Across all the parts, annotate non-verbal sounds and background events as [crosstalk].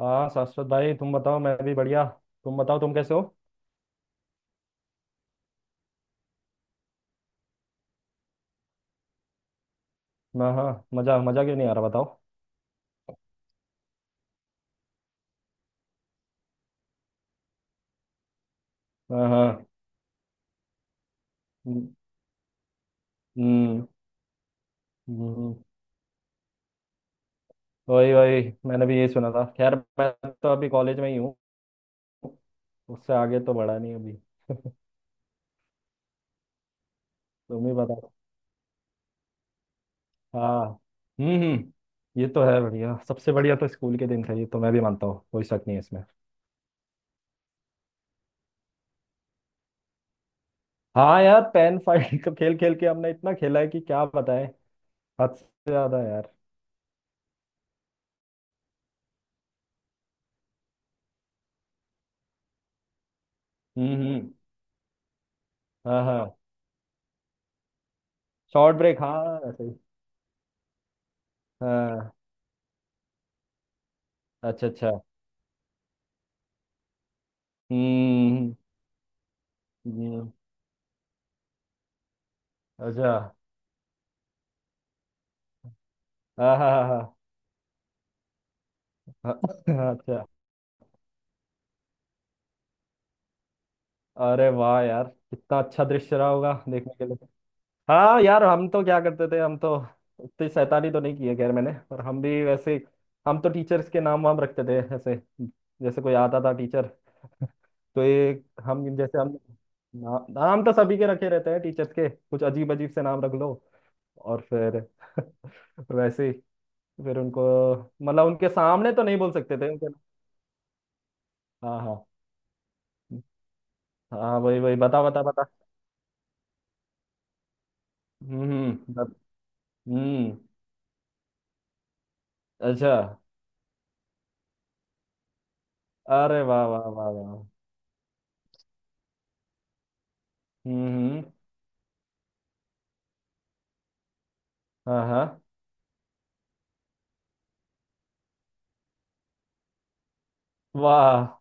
हाँ शाश्वत भाई तुम बताओ मैं भी बढ़िया। तुम बताओ तुम कैसे हो। हाँ हाँ, मजा मजा क्यों नहीं आ रहा बताओ। हाँ हाँ। हम्म हम्म, हम्म, हम्म। वही वही, मैंने भी यही सुना था। खैर मैं तो अभी कॉलेज में ही हूँ, उससे आगे तो बढ़ा नहीं अभी। तुम ही बताओ। हाँ। हम्म, ये तो है, बढ़िया। सबसे बढ़िया तो स्कूल के दिन थे, ये तो मैं भी मानता हूँ, कोई शक नहीं है इसमें। हाँ यार, पेन फाइट तो खेल खेल के हमने इतना खेला है कि क्या बताएं, हद से ज्यादा यार। हम्म। हाँ हाँ। शॉर्ट ब्रेक, हाँ सही। हाँ। अच्छा अच्छा। हम्म हम्म, अच्छा। आहा। अच्छा। अरे वाह यार, कितना अच्छा दृश्य रहा होगा देखने के लिए। हाँ यार, हम तो क्या करते थे, हम तो इतनी शैतानी तो नहीं की है खैर मैंने, पर हम भी वैसे हम तो टीचर्स के नाम वाम रखते थे ऐसे। जैसे कोई आता था टीचर, तो ये हम जैसे हम, ना, नाम तो सभी के रखे रहते हैं टीचर्स के, कुछ अजीब अजीब से नाम रख लो और फिर [laughs] वैसे ही फिर उनको मतलब उनके सामने तो नहीं बोल सकते थे उनके। हाँ हाँ। हाँ वही वही, बता बता बता। हम्म हम्म। हम्म। अच्छा। अरे वाह वाह वाह वाह। हम्म। हाँ हाँ। वाह।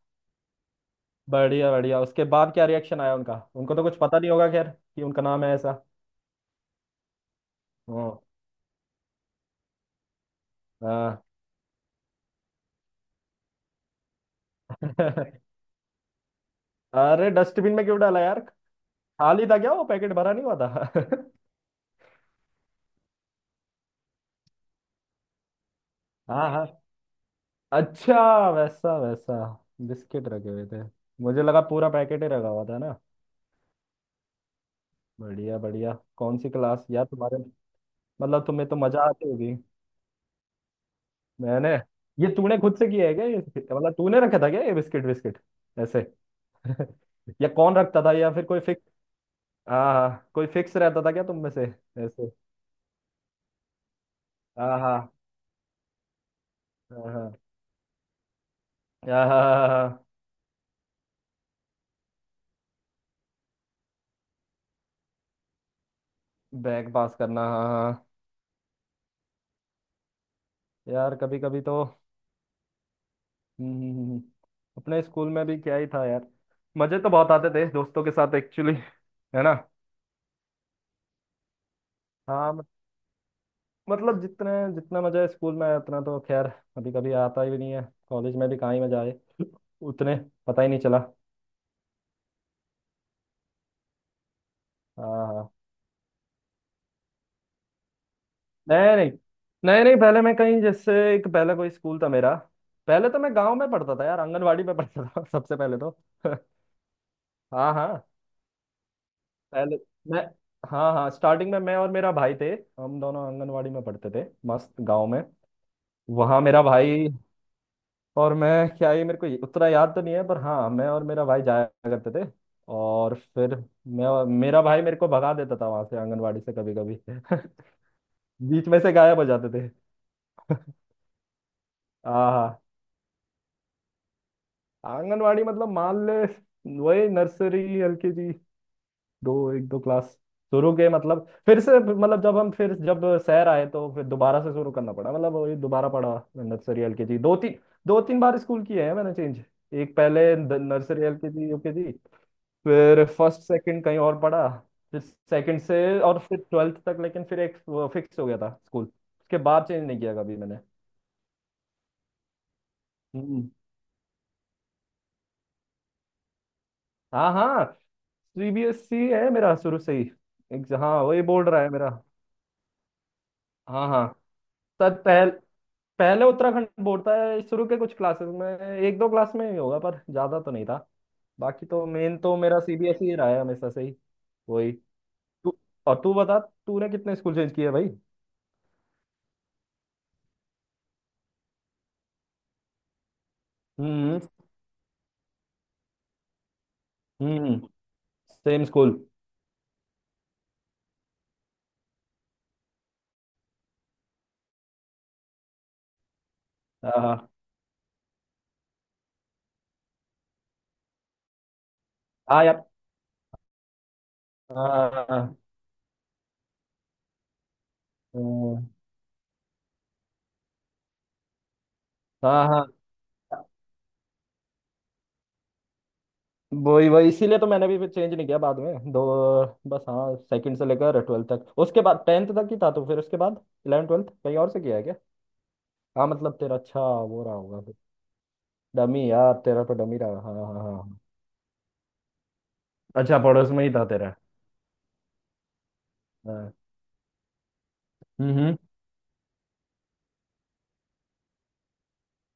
बढ़िया बढ़िया, उसके बाद क्या रिएक्शन आया उनका? उनको तो कुछ पता नहीं होगा खैर कि उनका नाम है ऐसा। ओ। हाँ। [laughs] अरे डस्टबिन में क्यों डाला यार, खाली था क्या? वो पैकेट भरा नहीं हुआ था? [laughs] हाँ हाँ। अच्छा वैसा वैसा, बिस्किट रखे हुए थे। मुझे लगा पूरा पैकेट ही रखा हुआ था ना। बढ़िया बढ़िया, कौन सी क्लास यार तुम्हारे? मतलब तुम्हें तो मजा आती होगी। मैंने, ये तूने खुद से किया है क्या ये, मतलब तूने रखा था क्या ये बिस्किट बिस्किट ऐसे? [laughs] या कौन रखता था, या फिर कोई फिक्स? हाँ हाँ, कोई फिक्स रहता था क्या तुम में से? ऐसे। हाँ हाँ हाँ हाँ। हाँ हाँ, हाँ, हाँ, हाँ। बैग पास करना, हाँ हाँ हाँ। यार कभी कभी तो हम्म, हम्म, हम्म। अपने स्कूल में भी क्या ही था यार, मजे तो बहुत आते थे दोस्तों के साथ एक्चुअली, है ना। हाँ। मतलब जितने जितना मजा है स्कूल में आया, उतना तो खैर कभी कभी आता ही नहीं है। कॉलेज में भी कहाँ ही मजा आए उतने, पता ही नहीं चला। हाँ हाँ। नहीं नहीं, नहीं नहीं, पहले मैं कहीं जैसे एक पहले कोई स्कूल था मेरा। पहले तो मैं गांव में पढ़ता था यार, आंगनवाड़ी में पढ़ता था [laughs] सबसे पहले तो। [laughs] हाँ हाँ। पहले मैं, हाँ हाँ, स्टार्टिंग में मैं और मेरा भाई थे। हम दोनों आंगनवाड़ी में पढ़ते थे मस्त गांव में। वहाँ मेरा भाई और मैं, क्या ये मेरे को उतना याद तो नहीं है, पर हाँ मैं और मेरा भाई जाया करते थे। और फिर मैं और मेरा भाई मेरे को भगा देता था वहां से, आंगनवाड़ी से कभी कभी [laughs] बीच में से गायब हो जाते थे। [laughs] हाँ हाँ। आंगनवाड़ी मतलब मान ले वही नर्सरी एलकेजी, दो एक दो क्लास शुरू के। मतलब फिर से, मतलब जब हम फिर जब शहर आए तो फिर दोबारा से शुरू करना पड़ा, मतलब वही दोबारा पढ़ा नर्सरी एलकेजी दो तीन। दो तीन बार स्कूल किए हैं मैंने चेंज। एक पहले नर्सरी एलकेजी यूकेजी, फिर फर्स्ट सेकंड कहीं और पढ़ा। फिर सेकंड से और फिर ट्वेल्थ तक, लेकिन फिर एक फिक्स हो गया था स्कूल, उसके बाद चेंज नहीं किया कभी मैंने। हम्म। हाँ हाँ, सीबीएसई है मेरा शुरू से ही, एक हाँ वही बोर्ड रहा है मेरा। हाँ हाँ। सर पहले उत्तराखंड बोर्ड था शुरू के कुछ क्लासेस में, एक दो क्लास में ही होगा पर ज्यादा तो नहीं था। बाकी तो मेन तो मेरा सीबीएसई ही रहा है हमेशा से ही, वही। तू और तू बता, तूने कितने स्कूल चेंज किए भाई? हम्म। हम्म। Same school. हाँ हाँ यार, हाँ। हम्म, हाँ हाँ। वही वही, इसीलिए तो मैंने भी फिर चेंज नहीं किया बाद में दो। बस हाँ, सेकंड से लेकर ट्वेल्थ तक, उसके बाद टेंथ तक ही था तो फिर उसके बाद इलेवन ट्वेल्थ कहीं और से किया है क्या? हाँ मतलब तेरा, अच्छा वो रहा होगा फिर। डमी यार, तेरा तो डमी रहा, हाँ हाँ हाँ हाँ। अच्छा पड़ोस में ही था तेरा। हाँ। हम्म।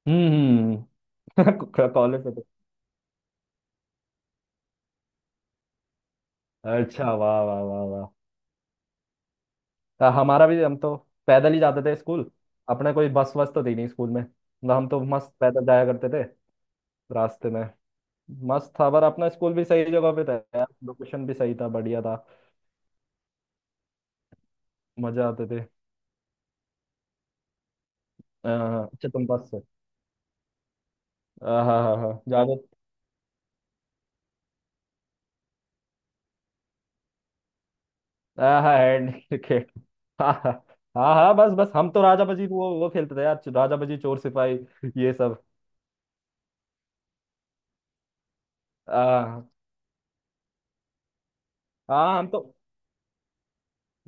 हम्म, हम्म। [laughs] कॉलेज में तो अच्छा वाह वाह वाह वाह। अ, हमारा भी, हम तो पैदल ही जाते थे स्कूल, अपने कोई बस वस तो थी नहीं स्कूल में ना। हम तो मस्त पैदल जाया करते थे, रास्ते में मस्त था। पर अपना स्कूल भी सही जगह पे था यार, लोकेशन भी सही था, बढ़िया था। मजा आते थे। अ, अच्छा तुम बस से। हाँ हाँ हाँ जावेद। हाँ हाँ हैंड क्रिकेट। हाँ हाँ। हाँ हाँ, बस बस, हम तो राजा बजी वो खेलते थे यार, राजा बजी चोर सिपाही ये सब। हाँ हाँ। हम तो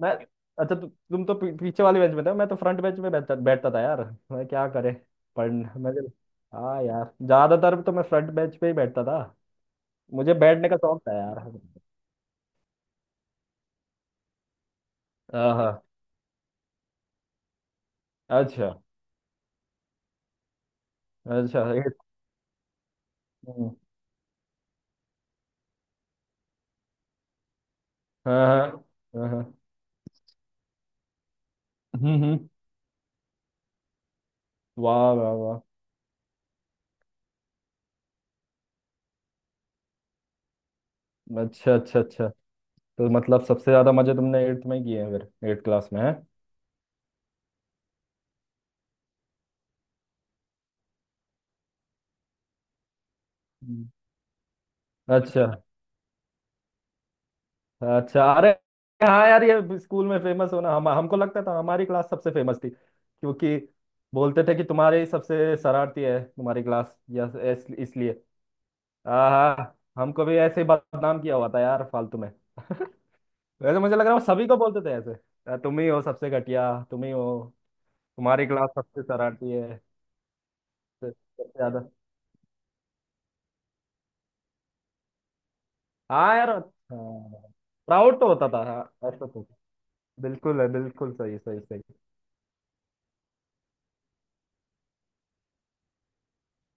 मैं, अच्छा तुम तो पीछे वाले बेंच में थे, मैं तो फ्रंट बेंच में बैठता बैठता था यार। मैं क्या करे पढ़ मैं तो, हाँ यार ज्यादातर तो मैं फ्रंट बेंच पे ही बैठता था। मुझे बैठने का शौक था यार। हाँ हाँ, अच्छा अच्छा हम्म, हाँ हाँ हाँ हाँ। हम्म हम्म, वाह वाह वाह। अच्छा अच्छा अच्छा, तो मतलब सबसे ज्यादा मजे तुमने एट्थ में किए हैं फिर, एट्थ क्लास में, है। हम्म। अच्छा, अच्छा, अरे हाँ यार, ये स्कूल में फेमस होना, हम हमको लगता था हमारी क्लास सबसे फेमस थी क्योंकि बोलते थे कि तुम्हारे ही सबसे शरारती है तुम्हारी क्लास या इसलिए। हाँ हाँ, हमको भी ऐसे ही बदनाम किया हुआ था यार फालतू में। [laughs] वैसे मुझे लग रहा है वो सभी को बोलते थे ऐसे, "अ, तुम ही हो सबसे घटिया, तुम ही हो, तुम्हारी क्लास सबसे शरारती है, सबसे, सबसे ज्यादा।" हाँ यार हाँ। प्राउड तो होता था हाँ, ऐसा तो बिल्कुल है, बिल्कुल सही सही सही।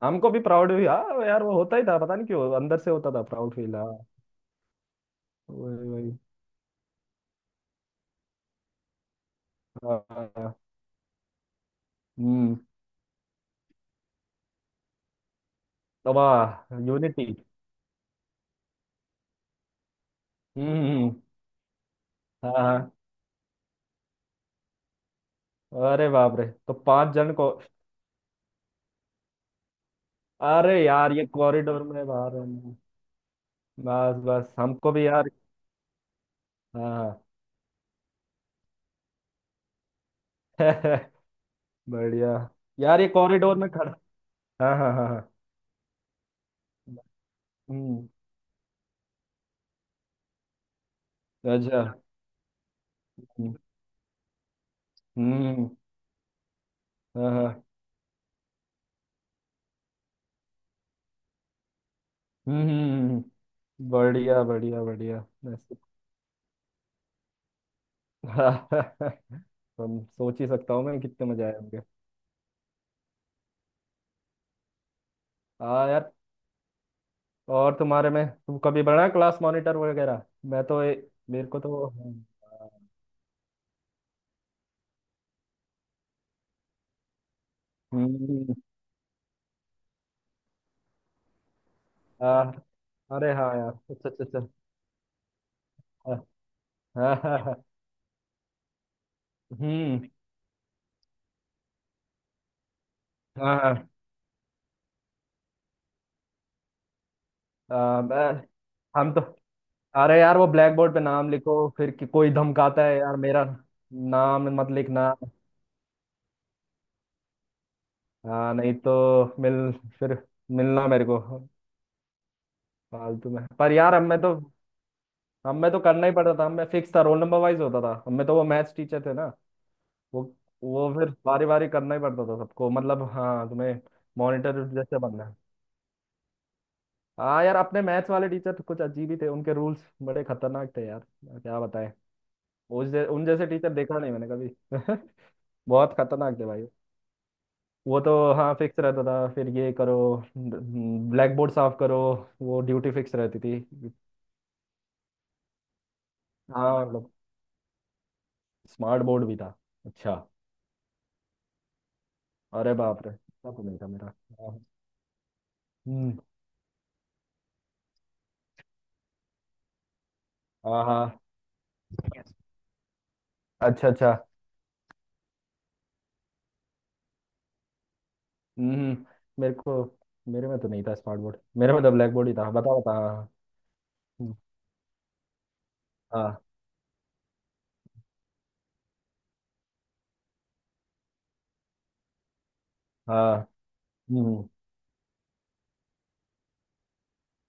हमको भी प्राउड भी, हाँ यार वो होता ही था, पता नहीं क्यों अंदर से होता था प्राउड फील, हाँ। वही वही। हाँ हाँ, हम्म। तो वाह यूनिटी। हम्म। हाँ हाँ। अरे बाप रे, तो पांच जन को। अरे यार ये कॉरिडोर में बाहर है ना। बस बस हमको भी यार। हाँ। [laughs] बढ़िया। यार ये कॉरिडोर में खड़ा, हाँ हाँ हाँ हाँ। हम्म। अच्छा। हम्म हम्म, हाँ हाँ। हम्म हम्म, हम्म, हम्म। बढ़िया बढ़िया बढ़िया [laughs] ऐसे। हम सोच ही सकता हूँ मैं कितने मजे आए होंगे। हाँ यार, और तुम्हारे में तुम कभी बना क्लास मॉनिटर वगैरह? मैं तो मेरे को तो हम्म। हाँ। अरे हाँ यार, अच्छा अच्छा अच्छा। हाँ हाँ हाँ हाँ, हम्म। हाँ हाँ हाँ, मैं, हम तो अरे यार वो ब्लैक बोर्ड पे नाम लिखो फिर कि कोई धमकाता है यार मेरा, नाम मत लिखना। हाँ नहीं तो मिल, फिर मिलना मेरे को। फालतू में, पर यार अब मैं तो हम में तो करना ही पड़ता था, हम में फिक्स था, रोल नंबर वाइज होता था, हम में तो वो मैथ्स टीचर थे ना, वो वो फिर बारी बारी करना ही पड़ता था सबको, मतलब हाँ तुम्हें मॉनिटर जैसे बनना है। हाँ यार, अपने मैथ्स वाले टीचर कुछ अजीब ही थे, उनके रूल्स बड़े खतरनाक थे यार, क्या बताएं। उस उन जैसे टीचर देखा नहीं मैंने कभी। [laughs] बहुत खतरनाक थे भाई। वो तो हाँ फिक्स रहता था फिर ये करो ब्लैक बोर्ड साफ करो, वो ड्यूटी फिक्स रहती थी। हाँ मतलब स्मार्ट बोर्ड भी था, अच्छा। अरे बाप रे, ऐसा तो नहीं था मेरा। हम्म। हाँ हाँ। अच्छा अच्छा। हम्म हम्म। मेरे को, मेरे में तो नहीं था स्मार्ट बोर्ड, मेरे में तो ब्लैक बोर्ड ही था, बता बता। हम्म, हाँ। हाँ, हम्म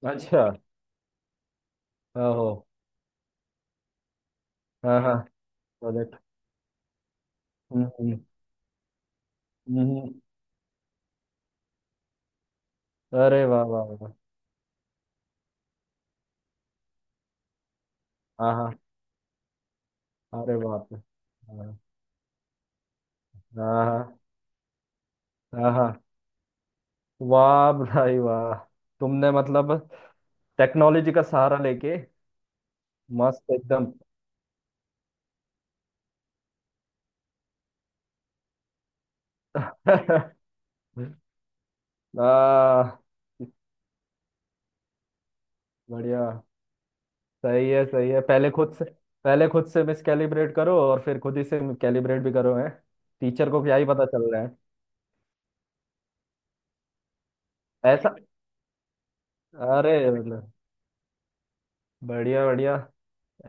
अच्छा। ओहो। हाँ हाँ, प्रोजेक्ट, हम्म। हम्म, हम्म। अरे वाह वाह वाह। हाँ हाँ। अरे बाप रे। हाँ हाँ हाँ हाँ, हाँ। वाह भाई वाह, तुमने मतलब टेक्नोलॉजी का सहारा लेके मस्त एकदम। [laughs] आ, बढ़िया। सही है सही है, पहले खुद से, पहले खुद से मिस कैलिब्रेट करो और फिर खुद ही से कैलिब्रेट भी करो, है, टीचर को क्या ही पता चल रहा है। ऐसा। अरे मतलब, बढ़िया बढ़िया,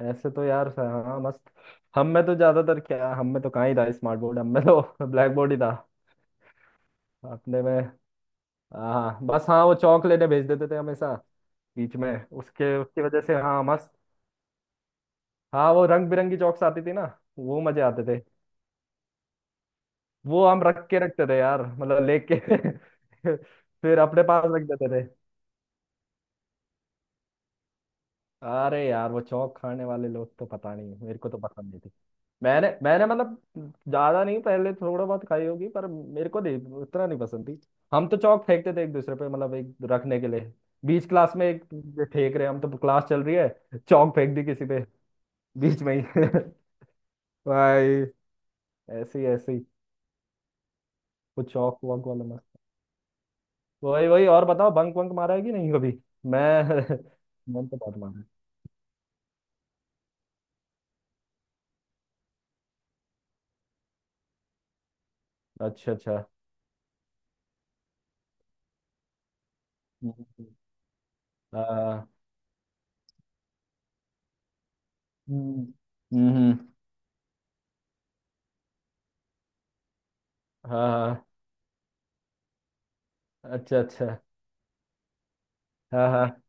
ऐसे तो यार हाँ मस्त। हम में तो ज्यादातर क्या, हम में तो कहाँ ही था स्मार्ट बोर्ड, हम में तो [laughs] ब्लैक बोर्ड ही था अपने में। हाँ बस हाँ, वो चौक लेने भेज देते थे हमेशा बीच में, उसके उसकी वजह से हाँ मस्त। हाँ, वो रंग बिरंगी चौक्स आती थी ना, वो मजे आते थे। वो हम रख के रखते थे यार, मतलब लेके [laughs] फिर अपने पास रख देते थे। अरे यार वो चौक खाने वाले लोग तो, पता नहीं, मेरे को तो पसंद नहीं थी। मैंने मैंने मतलब ज्यादा नहीं, पहले थोड़ा बहुत खाई होगी पर मेरे को नहीं उतना नहीं पसंद थी। हम तो चौक फेंकते थे एक दूसरे पे, मतलब एक रखने के लिए, बीच क्लास में एक फेंक रहे हैं हम तो, क्लास चल रही है चौक फेंक दी किसी पे बीच में ही। [laughs] भाई, ऐसे ही ऐसे ही, वो चौक वॉक वाला मस्त। वही वही, और बताओ बंक वंक मारा है कि नहीं कभी? मैं [laughs] मैंने तो बहुत मारा है। अच्छा अच्छा। हम्म। हाँ, हम्म हम्म, हाँ हाँ, अच्छा अच्छा। हाँ हाँ।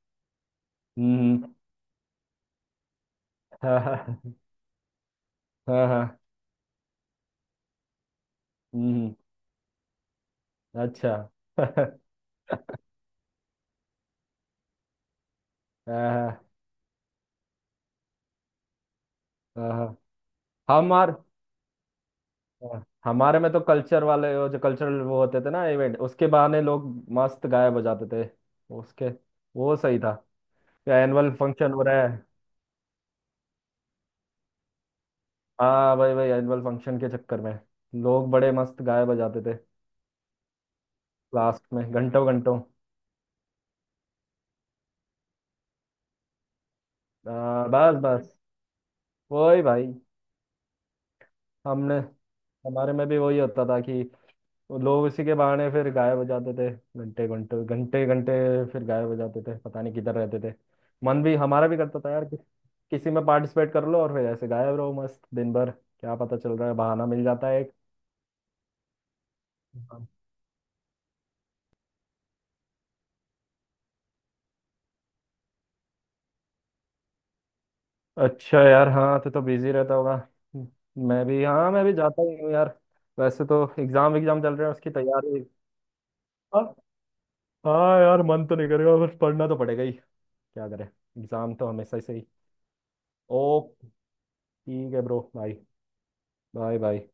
हम्म हम्म। हाँ हाँ हाँ हाँ, हम्म अच्छा। [laughs] हाँ हाँ हाँ, हाँ। हमार हाँ, हमारे में तो कल्चर वाले वो जो कल्चरल वो होते थे ना इवेंट उसके बहाने लोग मस्त गायब हो जाते थे उसके, वो सही था। एनुअल फंक्शन हो रहा है। हाँ भाई भाई, एनुअल फंक्शन के चक्कर में लोग बड़े मस्त गाए बजाते थे लास्ट में घंटों घंटों। आ, बस बस वही भाई, हमने हमारे में भी वही होता था कि लोग इसी के बहाने फिर गाए बजाते थे, घंटे घंटे घंटे घंटे फिर गाए बजाते थे, पता नहीं किधर रहते थे। मन भी हमारा भी करता था यार कि, किसी में पार्टिसिपेट कर लो और फिर ऐसे गायब रहो मस्त दिन भर, क्या पता चल रहा है, बहाना मिल जाता है। एक। अच्छा यार हाँ, तो बिजी रहता होगा। मैं भी हाँ, मैं भी जाता ही हूँ यार। वैसे तो एग्जाम एग्जाम चल रहे हैं, उसकी तैयारी। हाँ हाँ यार, मन तो नहीं करेगा, बस पढ़ना तो पड़ेगा ही। क्या करें एग्जाम तो हमेशा से ही। ओ ठीक है ब्रो, बाय। Bye bye.